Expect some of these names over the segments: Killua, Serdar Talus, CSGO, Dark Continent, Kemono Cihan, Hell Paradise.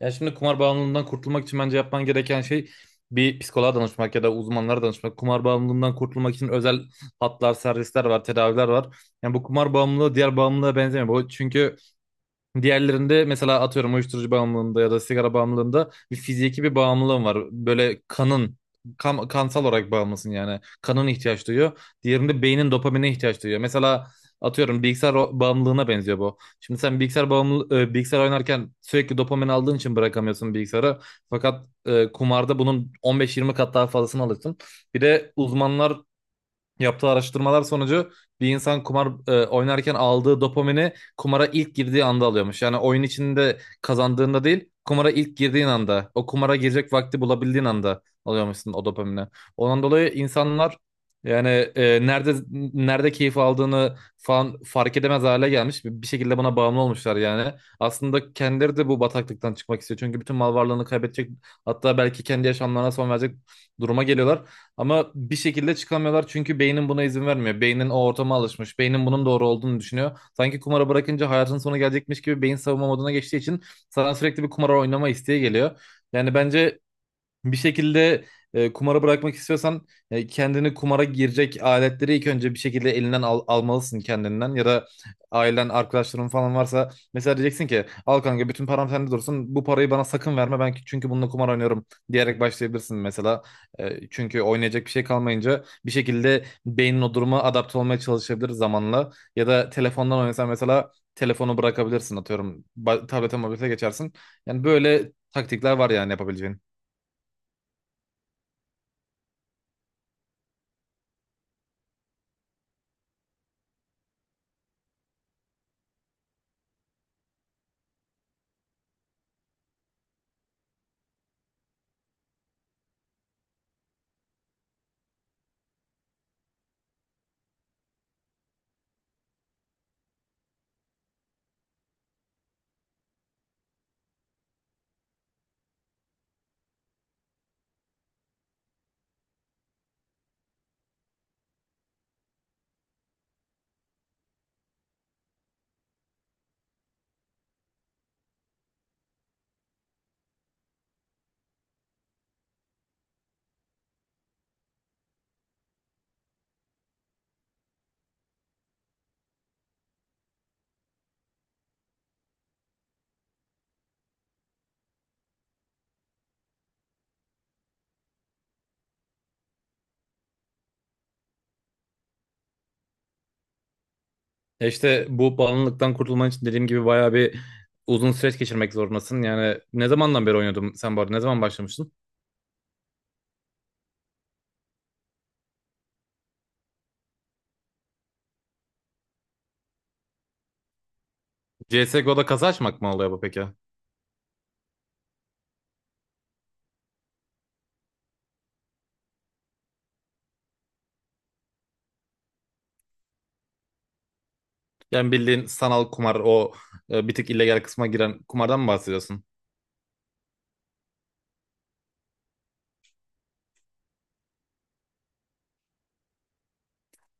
Ya şimdi kumar bağımlılığından kurtulmak için bence yapman gereken şey bir psikoloğa danışmak ya da uzmanlara danışmak. Kumar bağımlılığından kurtulmak için özel hatlar, servisler var, tedaviler var. Yani bu kumar bağımlılığı diğer bağımlılığa benzemiyor. Bu çünkü diğerlerinde mesela atıyorum uyuşturucu bağımlılığında ya da sigara bağımlılığında bir fiziki bir bağımlılığın var. Böyle kansal olarak bağımlısın yani. Kanın ihtiyaç duyuyor. Diğerinde beynin dopamine ihtiyaç duyuyor. Mesela atıyorum bilgisayar bağımlılığına benziyor bu. Şimdi sen bilgisayar oynarken sürekli dopamin aldığın için bırakamıyorsun bilgisayarı. Fakat kumarda bunun 15-20 kat daha fazlasını alırsın. Bir de uzmanlar yaptığı araştırmalar sonucu bir insan kumar oynarken aldığı dopamini kumara ilk girdiği anda alıyormuş. Yani oyun içinde kazandığında değil, kumara ilk girdiğin anda, o kumara girecek vakti bulabildiğin anda alıyormuşsun o dopamini. Ondan dolayı insanlar yani, nerede keyif aldığını falan fark edemez hale gelmiş. Bir şekilde buna bağımlı olmuşlar yani. Aslında kendileri de bu bataklıktan çıkmak istiyor. Çünkü bütün mal varlığını kaybedecek, hatta belki kendi yaşamlarına son verecek duruma geliyorlar. Ama bir şekilde çıkamıyorlar çünkü beynin buna izin vermiyor. Beynin o ortama alışmış. Beynin bunun doğru olduğunu düşünüyor. Sanki kumara bırakınca hayatın sonu gelecekmiş gibi beyin savunma moduna geçtiği için sana sürekli bir kumar oynama isteği geliyor. Yani bence bir şekilde, kumara bırakmak istiyorsan, kendini kumara girecek aletleri ilk önce bir şekilde elinden almalısın kendinden, ya da ailen arkadaşların falan varsa mesela diyeceksin ki, al kanka bütün param sende dursun, bu parayı bana sakın verme ben çünkü bununla kumar oynuyorum diyerek başlayabilirsin mesela. Çünkü oynayacak bir şey kalmayınca bir şekilde beynin o duruma adapte olmaya çalışabilir zamanla, ya da telefondan oynasan mesela telefonu bırakabilirsin, atıyorum tablete mobilite geçersin. Yani böyle taktikler var yani yapabileceğin. Ya işte bu bağımlılıktan kurtulman için dediğim gibi bayağı bir uzun süreç geçirmek zorundasın. Yani ne zamandan beri oynuyordun sen bu arada? Ne zaman başlamıştın? CSGO'da kasa açmak mı oluyor bu peki? Yani bildiğin sanal kumar, o bir tık illegal kısma giren kumardan mı bahsediyorsun?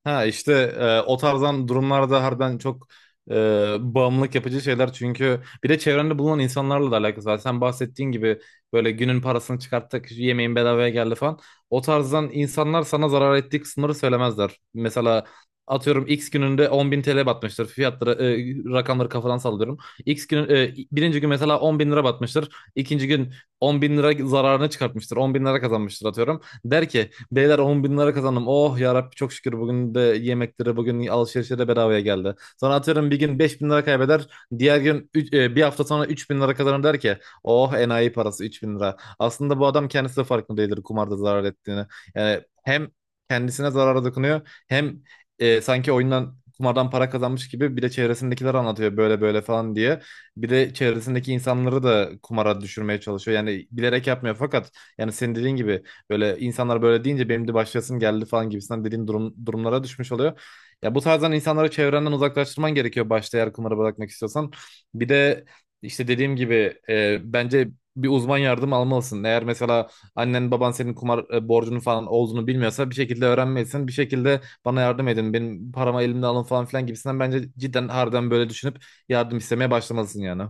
Ha işte, o tarzdan durumlarda harbiden çok e, bağımlılık yapıcı şeyler, çünkü bir de çevrende bulunan insanlarla da alakası var. Sen bahsettiğin gibi, böyle günün parasını çıkarttık, yemeğin bedavaya geldi falan. O tarzdan insanlar sana zarar ettiği sınırı söylemezler. Mesela atıyorum X gününde 10.000 TL batmıştır. Rakamları kafadan sallıyorum. X günü, birinci gün mesela 10 bin lira batmıştır. İkinci gün 10 bin lira zararını çıkartmıştır. 10 bin lira kazanmıştır atıyorum. Der ki, beyler 10 bin lira kazandım. Oh yarabbi çok şükür, bugün de yemekleri bugün alışverişe de bedavaya geldi. Sonra atıyorum bir gün 5 bin lira kaybeder. Diğer gün bir hafta sonra 3 bin lira kazanır, der ki oh enayi parası 3 bin lira. Aslında bu adam kendisi de farkında değildir kumarda zarar ettiğini. Yani hem kendisine zarara dokunuyor, hem sanki oyundan kumardan para kazanmış gibi bir de çevresindekiler anlatıyor böyle böyle falan diye. Bir de çevresindeki insanları da kumara düşürmeye çalışıyor. Yani bilerek yapmıyor, fakat yani senin dediğin gibi böyle insanlar böyle deyince benim de başlasın geldi falan gibisinden dediğin durumlara düşmüş oluyor. Ya bu tarzdan insanları çevrenden uzaklaştırman gerekiyor başta, eğer kumara bırakmak istiyorsan. Bir de işte dediğim gibi, bence bir uzman yardım almalısın. Eğer mesela annen baban senin kumar borcunun falan olduğunu bilmiyorsa bir şekilde öğrenmelisin. Bir şekilde bana yardım edin, benim paramı elimden alın falan filan gibisinden bence cidden harbiden böyle düşünüp yardım istemeye başlamalısın yani.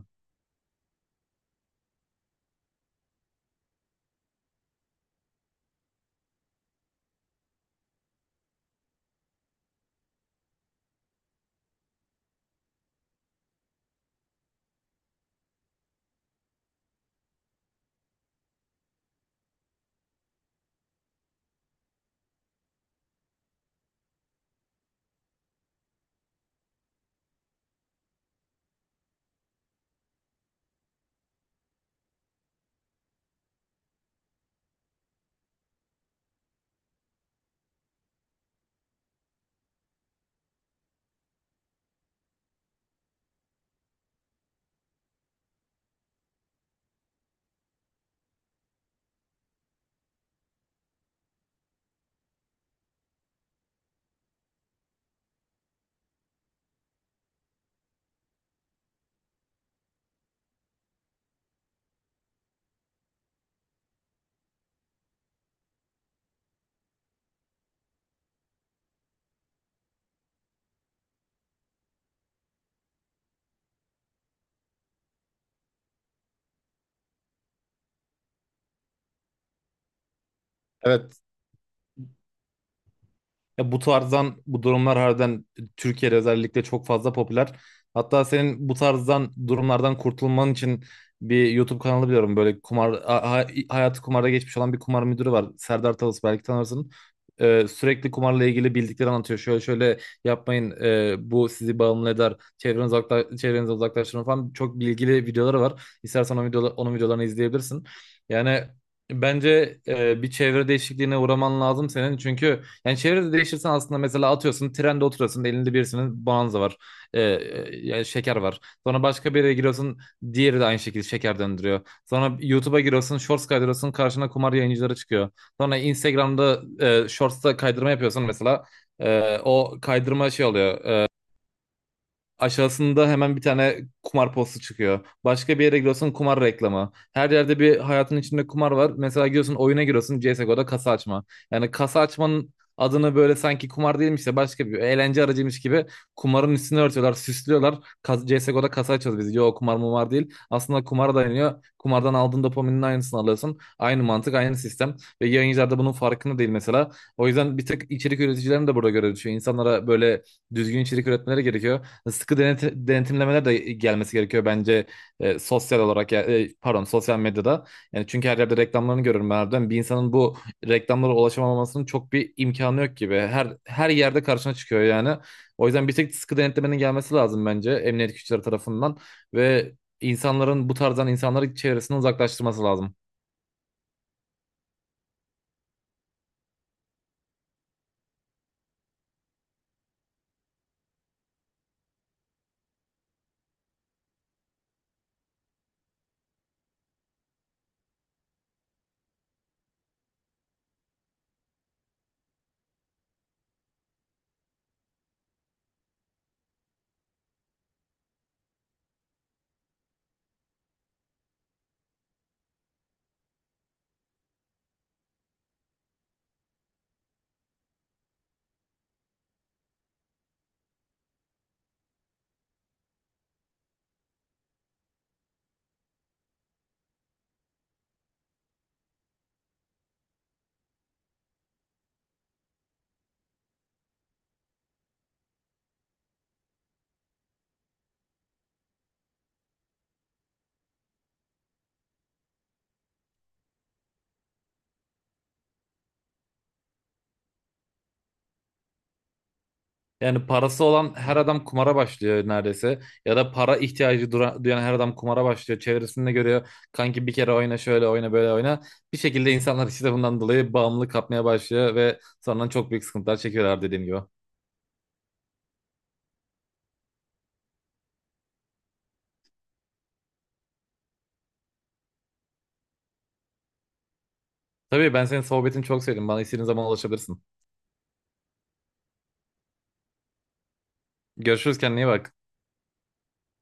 Evet. Ya bu tarzdan bu durumlar harbiden Türkiye'de özellikle çok fazla popüler. Hatta senin bu tarzdan durumlardan kurtulman için bir YouTube kanalı biliyorum. Böyle kumar hayatı kumarda geçmiş olan bir kumar müdürü var. Serdar Talus, belki tanırsın. Sürekli kumarla ilgili bildikleri anlatıyor. Şöyle şöyle yapmayın, bu sizi bağımlı eder. Çevrenize uzaklaştırın falan. Çok bilgili videoları var. İstersen onun videolarını izleyebilirsin. Yani bence bir çevre değişikliğine uğraman lazım senin. Çünkü yani çevrede değiştirsen aslında, mesela atıyorsun trende oturuyorsun, elinde birisinin bonanza var. Yani şeker var. Sonra başka bir yere giriyorsun, diğeri de aynı şekilde şeker döndürüyor. Sonra YouTube'a giriyorsun, shorts kaydırıyorsun, karşına kumar yayıncıları çıkıyor. Sonra Instagram'da shorts'ta kaydırma yapıyorsun mesela. O kaydırma şey oluyor. Aşağısında hemen bir tane kumar postu çıkıyor. Başka bir yere giriyorsun, kumar reklamı. Her yerde bir hayatın içinde kumar var. Mesela giriyorsun, oyuna giriyorsun, CSGO'da kasa açma. Yani kasa açmanın adını böyle sanki kumar değilmiş de başka bir eğlence aracıymış gibi kumarın üstüne örtüyorlar, süslüyorlar. CSGO'da kasa açıyoruz biz. Yo kumar mı var, değil. Aslında kumara dayanıyor. Kumardan aldığın dopaminin aynısını alıyorsun. Aynı mantık, aynı sistem. Ve yayıncılar da bunun farkında değil mesela. O yüzden bir tek içerik üreticilerin de burada görevi düşüyor. İnsanlara böyle düzgün içerik üretmeleri gerekiyor, sıkı denetimlemeler de gelmesi gerekiyor bence, sosyal olarak pardon, sosyal medyada. Yani çünkü her yerde reklamlarını görüyorum ben harbiden. Bir insanın bu reklamlara ulaşamamasının çok bir imkanı yok gibi. Her yerde karşına çıkıyor yani. O yüzden bir tek sıkı denetlemenin gelmesi lazım bence emniyet güçleri tarafından ve insanların bu tarzdan insanları çevresinden uzaklaştırması lazım. Yani parası olan her adam kumara başlıyor neredeyse. Ya da para ihtiyacı duyan her adam kumara başlıyor. Çevresinde görüyor. Kanki bir kere oyna, şöyle oyna, böyle oyna. Bir şekilde insanlar işte bundan dolayı bağımlılık kapmaya başlıyor ve sonra çok büyük sıkıntılar çekiyorlar, dediğim gibi. Tabii ben senin sohbetini çok sevdim. Bana istediğin zaman ulaşabilirsin. Görüşürüz, kendine iyi bak.